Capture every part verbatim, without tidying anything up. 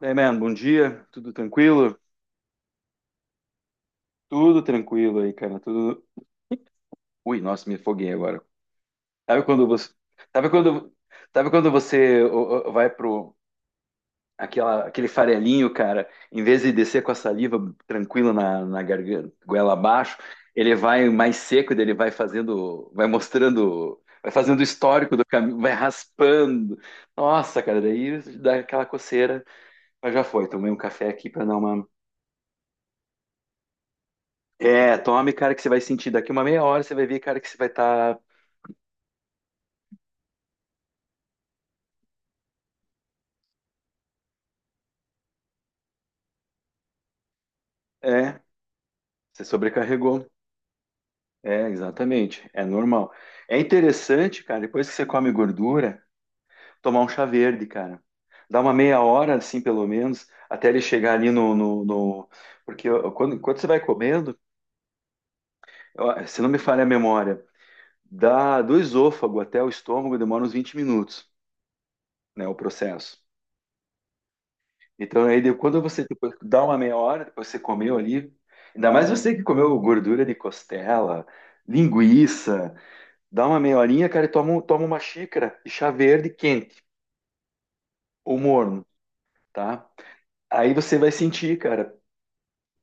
Daí, man, bom dia, tudo tranquilo? Tudo tranquilo aí, cara, tudo... Ui, nossa, me afoguei agora. Sabe quando você... Sabe quando, sabe quando você ô, ô, vai pro... Aquela, aquele farelinho, cara, em vez de descer com a saliva tranquila na, na garganta, goela abaixo, ele vai mais seco, daí ele vai fazendo, vai mostrando, vai fazendo o histórico do caminho, vai raspando. Nossa, cara, daí dá aquela coceira, mas já foi. Tomei um café aqui pra dar uma. É, tome, cara, que você vai sentir daqui uma meia hora, você vai ver, cara, que você vai estar. É, você sobrecarregou. É, exatamente. É normal. É interessante, cara, depois que você come gordura, tomar um chá verde, cara. Dá uma meia hora, assim, pelo menos, até ele chegar ali no. no, no- Porque eu- quando, quando você vai comendo, eu- se não me falha a memória, dá do esôfago até o estômago demora uns vinte minutos, né, o processo. Então, aí, de- quando você depois dá uma meia hora, depois você comeu ali, ainda mais você que comeu gordura de costela, linguiça, dá uma meia horinha, cara, e toma, um- toma uma xícara de chá verde quente ou morno, tá? Aí você vai sentir, cara.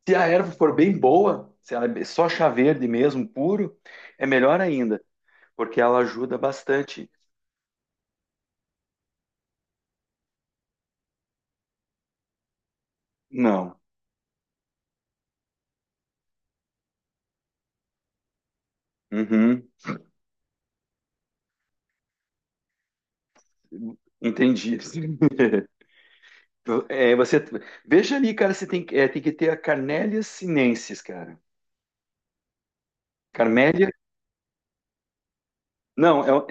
Se a erva for bem boa, se ela é be- só chá verde mesmo, puro, é melhor ainda, porque ela ajuda bastante. Não. Uhum. Entendi. É, você veja ali, cara, você tem, que- é, tem que ter a Carnélia sinensis, cara. Carmélia, não, é, o-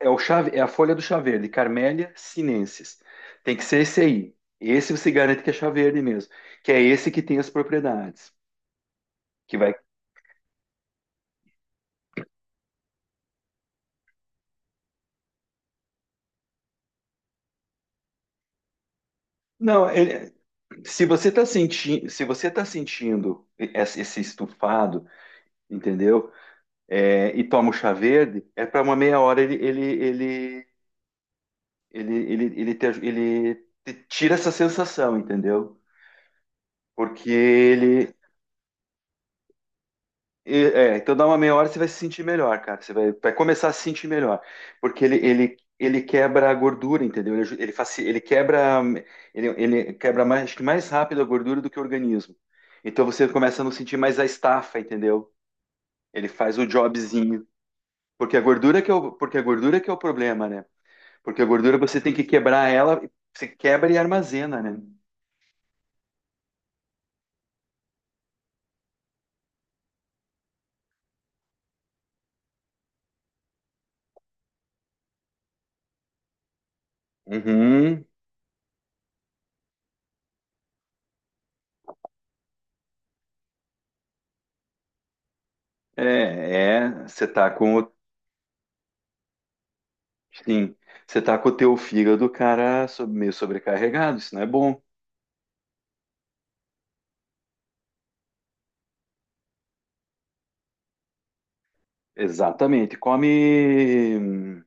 é o chave, é a folha do chá verde, Carmélia sinensis. Tem que ser esse aí. Esse você garante que é chá verde mesmo, que é esse que tem as propriedades, que vai. Não, ele- Se você está sentindo, se você tá sentindo esse esse estufado, entendeu? É, e toma o chá verde, é para uma meia hora ele ele ele ele ele, ele, te- ele te tira essa sensação, entendeu? Porque ele. e- É, então dá uma meia hora você vai se sentir melhor, cara. Você vai, vai começar a se sentir melhor. Porque ele, ele, ele quebra a gordura, entendeu? Ele, aju- ele, faci- ele quebra, ele, ele quebra mais, acho que mais rápido a gordura do que o organismo. Então você começa a não sentir mais a estafa, entendeu? Ele faz o jobzinho. Porque a gordura que é o, porque a gordura que é o problema, né? Porque a gordura você tem que quebrar ela, você quebra e armazena, né? Uhum. É, é, você tá com. Sim, você tá com o teu fígado, cara, sob- meio sobrecarregado, isso não é bom. Exatamente. Come.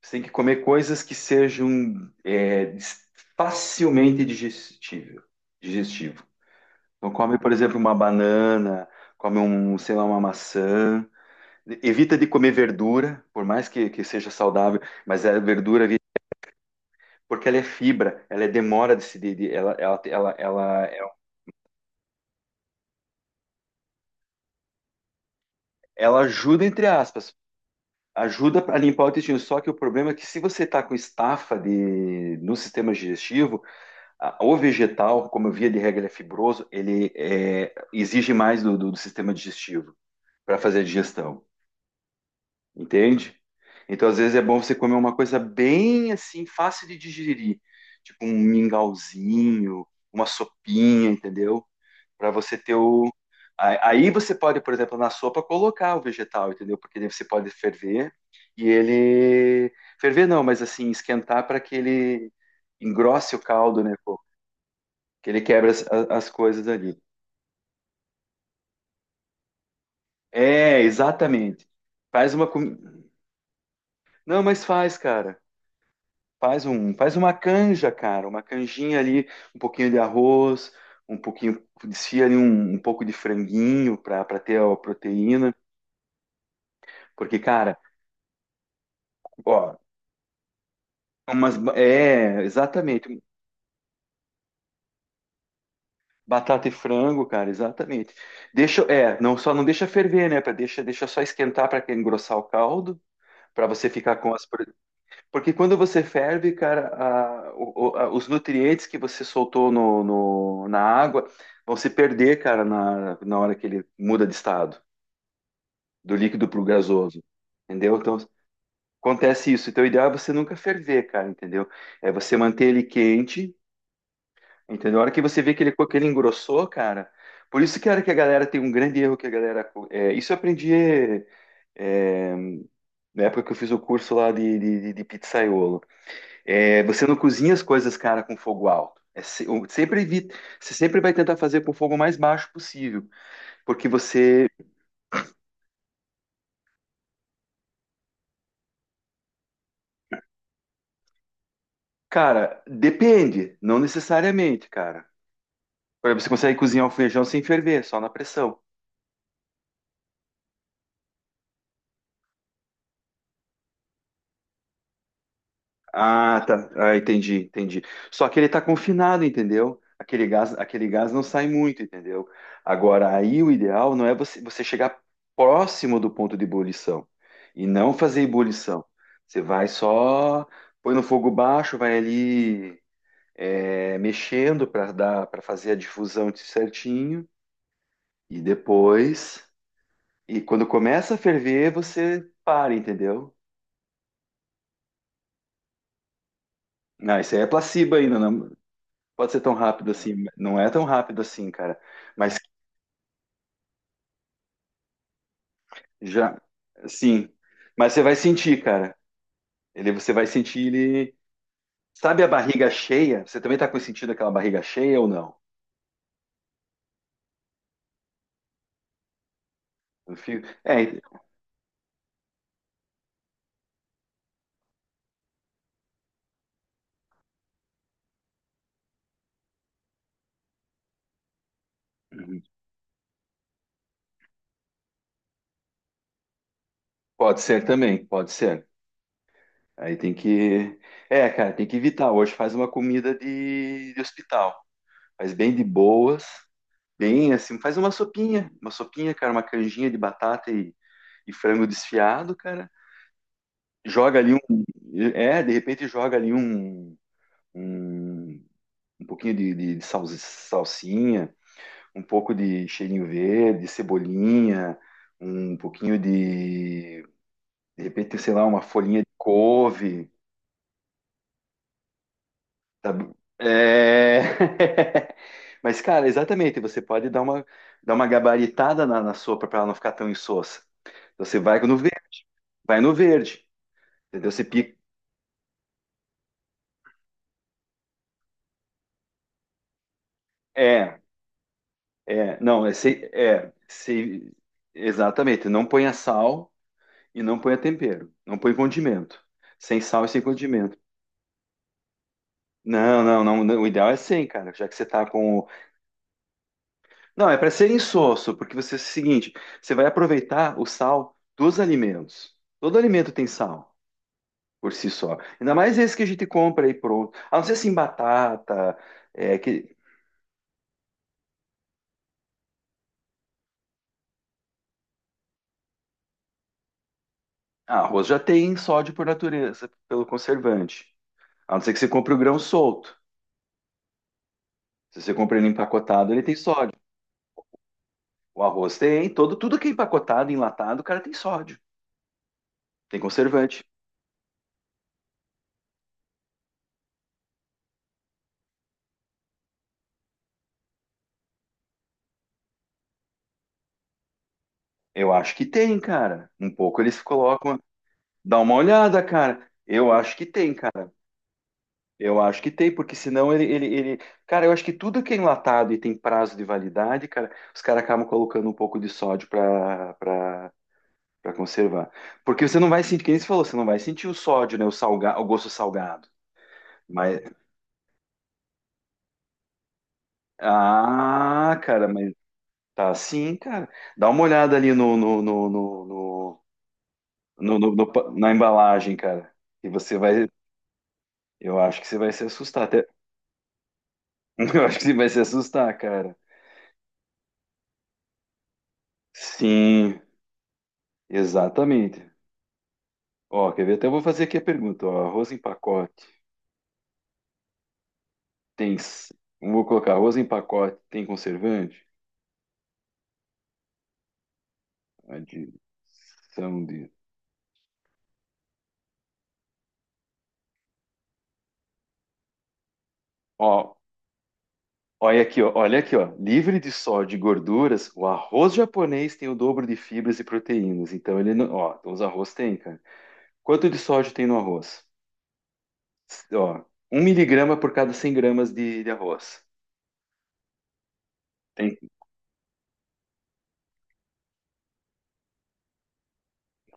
Você tem que comer coisas que sejam é, dis- facilmente digestível, digestivo. Então come, por exemplo, uma banana, come um, sei lá, uma maçã. Evita de comer verdura, por mais que, que seja saudável, mas a verdura, vi- porque ela é fibra, ela é demora de se, de, de- ela, ela, ela, ela, é um, ela ajuda, entre aspas. Ajuda a limpar o intestino, só que o problema é que se você está com estafa de, no sistema digestivo, a- o vegetal, como eu via de regra, ele é fibroso, ele é, exige mais do, do- do sistema digestivo para fazer a digestão, entende? Então, às vezes é bom você comer uma coisa bem assim, fácil de digerir, tipo um mingauzinho, uma sopinha, entendeu? Para você ter o. a- Aí você pode, por exemplo, na sopa colocar o vegetal, entendeu? Porque daí você pode ferver e ele. Ferver não, mas assim, esquentar para que ele engrosse o caldo, né? Pô? Que ele quebra as, a- as coisas ali. É, exatamente. Faz uma comida. Não, mas faz, cara. Faz um, faz uma canja, cara, uma canjinha ali, um pouquinho de arroz, um pouquinho, desfia ali um, um pouco de franguinho para ter a proteína, porque, cara, ó, umas, ba- é, exatamente, batata e frango, cara, exatamente. Deixa, é, não só não deixa ferver, né, para deixa, deixa só esquentar para engrossar o caldo, para você ficar com as. Porque quando você ferve, cara, a- o- o- a- os nutrientes que você soltou no, no- na água vão se perder, cara, na, na hora que ele muda de estado, do líquido para o gasoso. Entendeu? Então, acontece isso. Então, o ideal é você nunca ferver, cara, entendeu? É você manter ele quente, entendeu? A hora que você vê que ele, co, que ele engrossou, cara. Por isso, cara, que a galera tem um grande erro que a galera. Co- é, isso eu aprendi é, na época que eu fiz o curso lá de, de, de de pizzaiolo. É, você não cozinha as coisas, cara, com fogo alto. É se- o- sempre evita, você sempre vai tentar fazer com o fogo mais baixo possível, porque você, cara, depende, não necessariamente, cara. Por exemplo, você consegue cozinhar o feijão sem ferver, só na pressão. Ah, tá. Ah, entendi, entendi. Só que ele tá confinado, entendeu? Aquele gás, aquele gás não sai muito, entendeu? Agora, aí o ideal não é você, você chegar próximo do ponto de ebulição e não fazer ebulição. Você vai só, põe no fogo baixo, vai ali é, mexendo para dar, para fazer a difusão certinho e depois, e quando começa a ferver, você para, entendeu? Não, isso aí é placebo ainda, não, pode ser tão rápido assim, não é tão rápido assim, cara. Mas já, sim. Mas você vai sentir, cara. Ele, você vai sentir ele. Sabe a barriga cheia? Você também tá com sentido aquela barriga cheia ou não? Eu fico- É, uhum. Pode ser também, pode ser. Aí tem que, é, cara, tem que evitar. Hoje faz uma comida de, de hospital, faz bem de boas, bem assim, faz uma sopinha, uma sopinha, cara, uma canjinha de batata e, e frango desfiado, cara. Joga ali um. É, de repente joga ali um, um, um pouquinho de, de, de sal- salsinha, um pouco de cheirinho verde, cebolinha, um pouquinho de. De repente, sei lá, uma folhinha de couve. Sabe? É. Mas, cara, exatamente, você pode dar uma, dar uma gabaritada na, na sopa para ela não ficar tão insossa. Você vai no verde, vai no verde, entendeu? Você pica. É, é, não, é, sei, é, sei, exatamente. Não ponha sal e não ponha tempero. Não põe condimento. Sem sal e sem condimento. Não, não, não, não, o ideal é sem, cara, já que você tá com. o- Não, é para ser insosso, porque você é o seguinte: você vai aproveitar o sal dos alimentos. Todo alimento tem sal por si só. Ainda mais esse que a gente compra aí pronto. A não ser assim, batata, é, que... Ah, arroz já tem sódio por natureza, pelo conservante. A não ser que você compre o grão solto. Se você compra ele empacotado, ele tem sódio. O arroz tem, todo, tudo que é empacotado, enlatado, o cara tem sódio. Tem conservante. Eu acho que tem, cara. Um pouco eles colocam. Dá uma olhada, cara. Eu acho que tem, cara. Eu acho que tem, porque senão ele, ele, ele... Cara, eu acho que tudo que é enlatado e tem prazo de validade, cara, os caras acabam colocando um pouco de sódio pra, pra, pra conservar. Porque você não vai sentir, quem você falou, você não vai sentir o sódio, né? O, salga... o gosto salgado. Mas. Ah, cara, mas tá sim, cara. Dá uma olhada ali no, no, no, no, no- no- no- no pa- na embalagem, cara. E você vai. Eu acho que você vai se assustar. Até... Eu acho que você vai se assustar, cara. Sim, exatamente. Ó, quer ver? Até eu vou fazer aqui a pergunta. Ó, arroz em pacote. Tem. s- Vou colocar arroz em pacote. Tem conservante? Adição de. Ó, olha aqui, ó, olha aqui, ó. Livre de sódio e gorduras, o arroz japonês tem o dobro de fibras e proteínas. Então ele não, ó, então os arroz tem, cara. Quanto de sódio tem no arroz? Ó, um miligrama por cada cem gramas de, de arroz. Tem,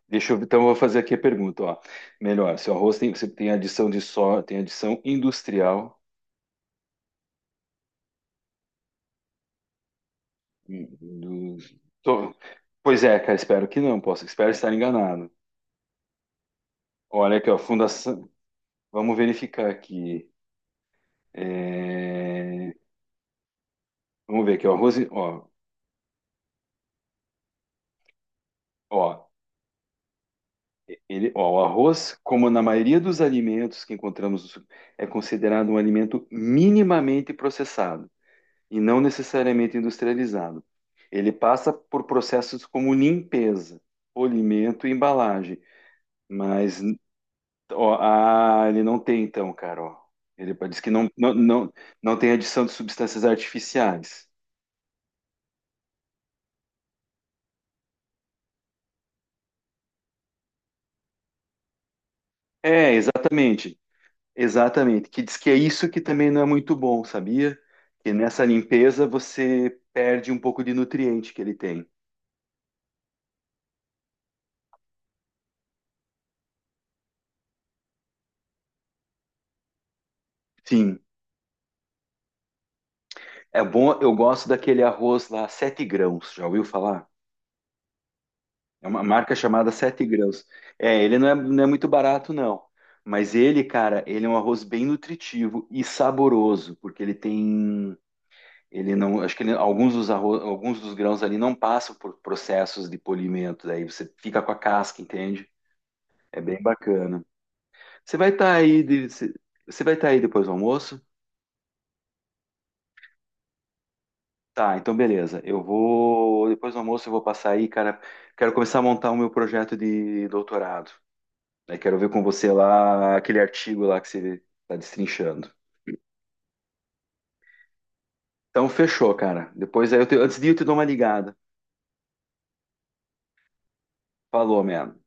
deixa eu, então eu vou fazer aqui a pergunta, ó. Melhor, se o arroz tem, você tem adição de sódio, tem adição industrial. hum, do- tô- Pois é, cara, espero que não, posso, espero estar enganado. Olha aqui, ó, fundação, vamos verificar aqui. É, vamos ver aqui, o arroz, ó, ó, ele, ó, o arroz, como na maioria dos alimentos que encontramos, no su- é considerado um alimento minimamente processado e não necessariamente industrializado. Ele passa por processos como limpeza, polimento e embalagem, mas ó, ah, ele não tem então, cara, ó. Ele diz que não, não, não, não tem adição de substâncias artificiais. É, exatamente. Exatamente, que diz que é isso que também não é muito bom, sabia? Que nessa limpeza você perde um pouco de nutriente que ele tem. Sim, é bom, eu gosto daquele arroz lá, sete grãos, já ouviu falar? É uma marca chamada Sete Grãos. É, ele não é, não é muito barato, não. Mas ele, cara, ele é um arroz bem nutritivo e saboroso, porque ele tem, ele não, acho que ele- alguns dos arroz, alguns dos grãos ali não passam por processos de polimento, daí você fica com a casca, entende? É bem bacana. Você vai estar aí, de- você você vai estar aí depois do almoço? Tá, então beleza. Eu vou depois do almoço eu vou passar aí, cara. Quero começar a montar o meu projeto de doutorado. Né? Quero ver com você lá aquele artigo lá que você está destrinchando. Então fechou, cara. Depois aí eu te- antes de ir, eu te dou uma ligada. Falou, man.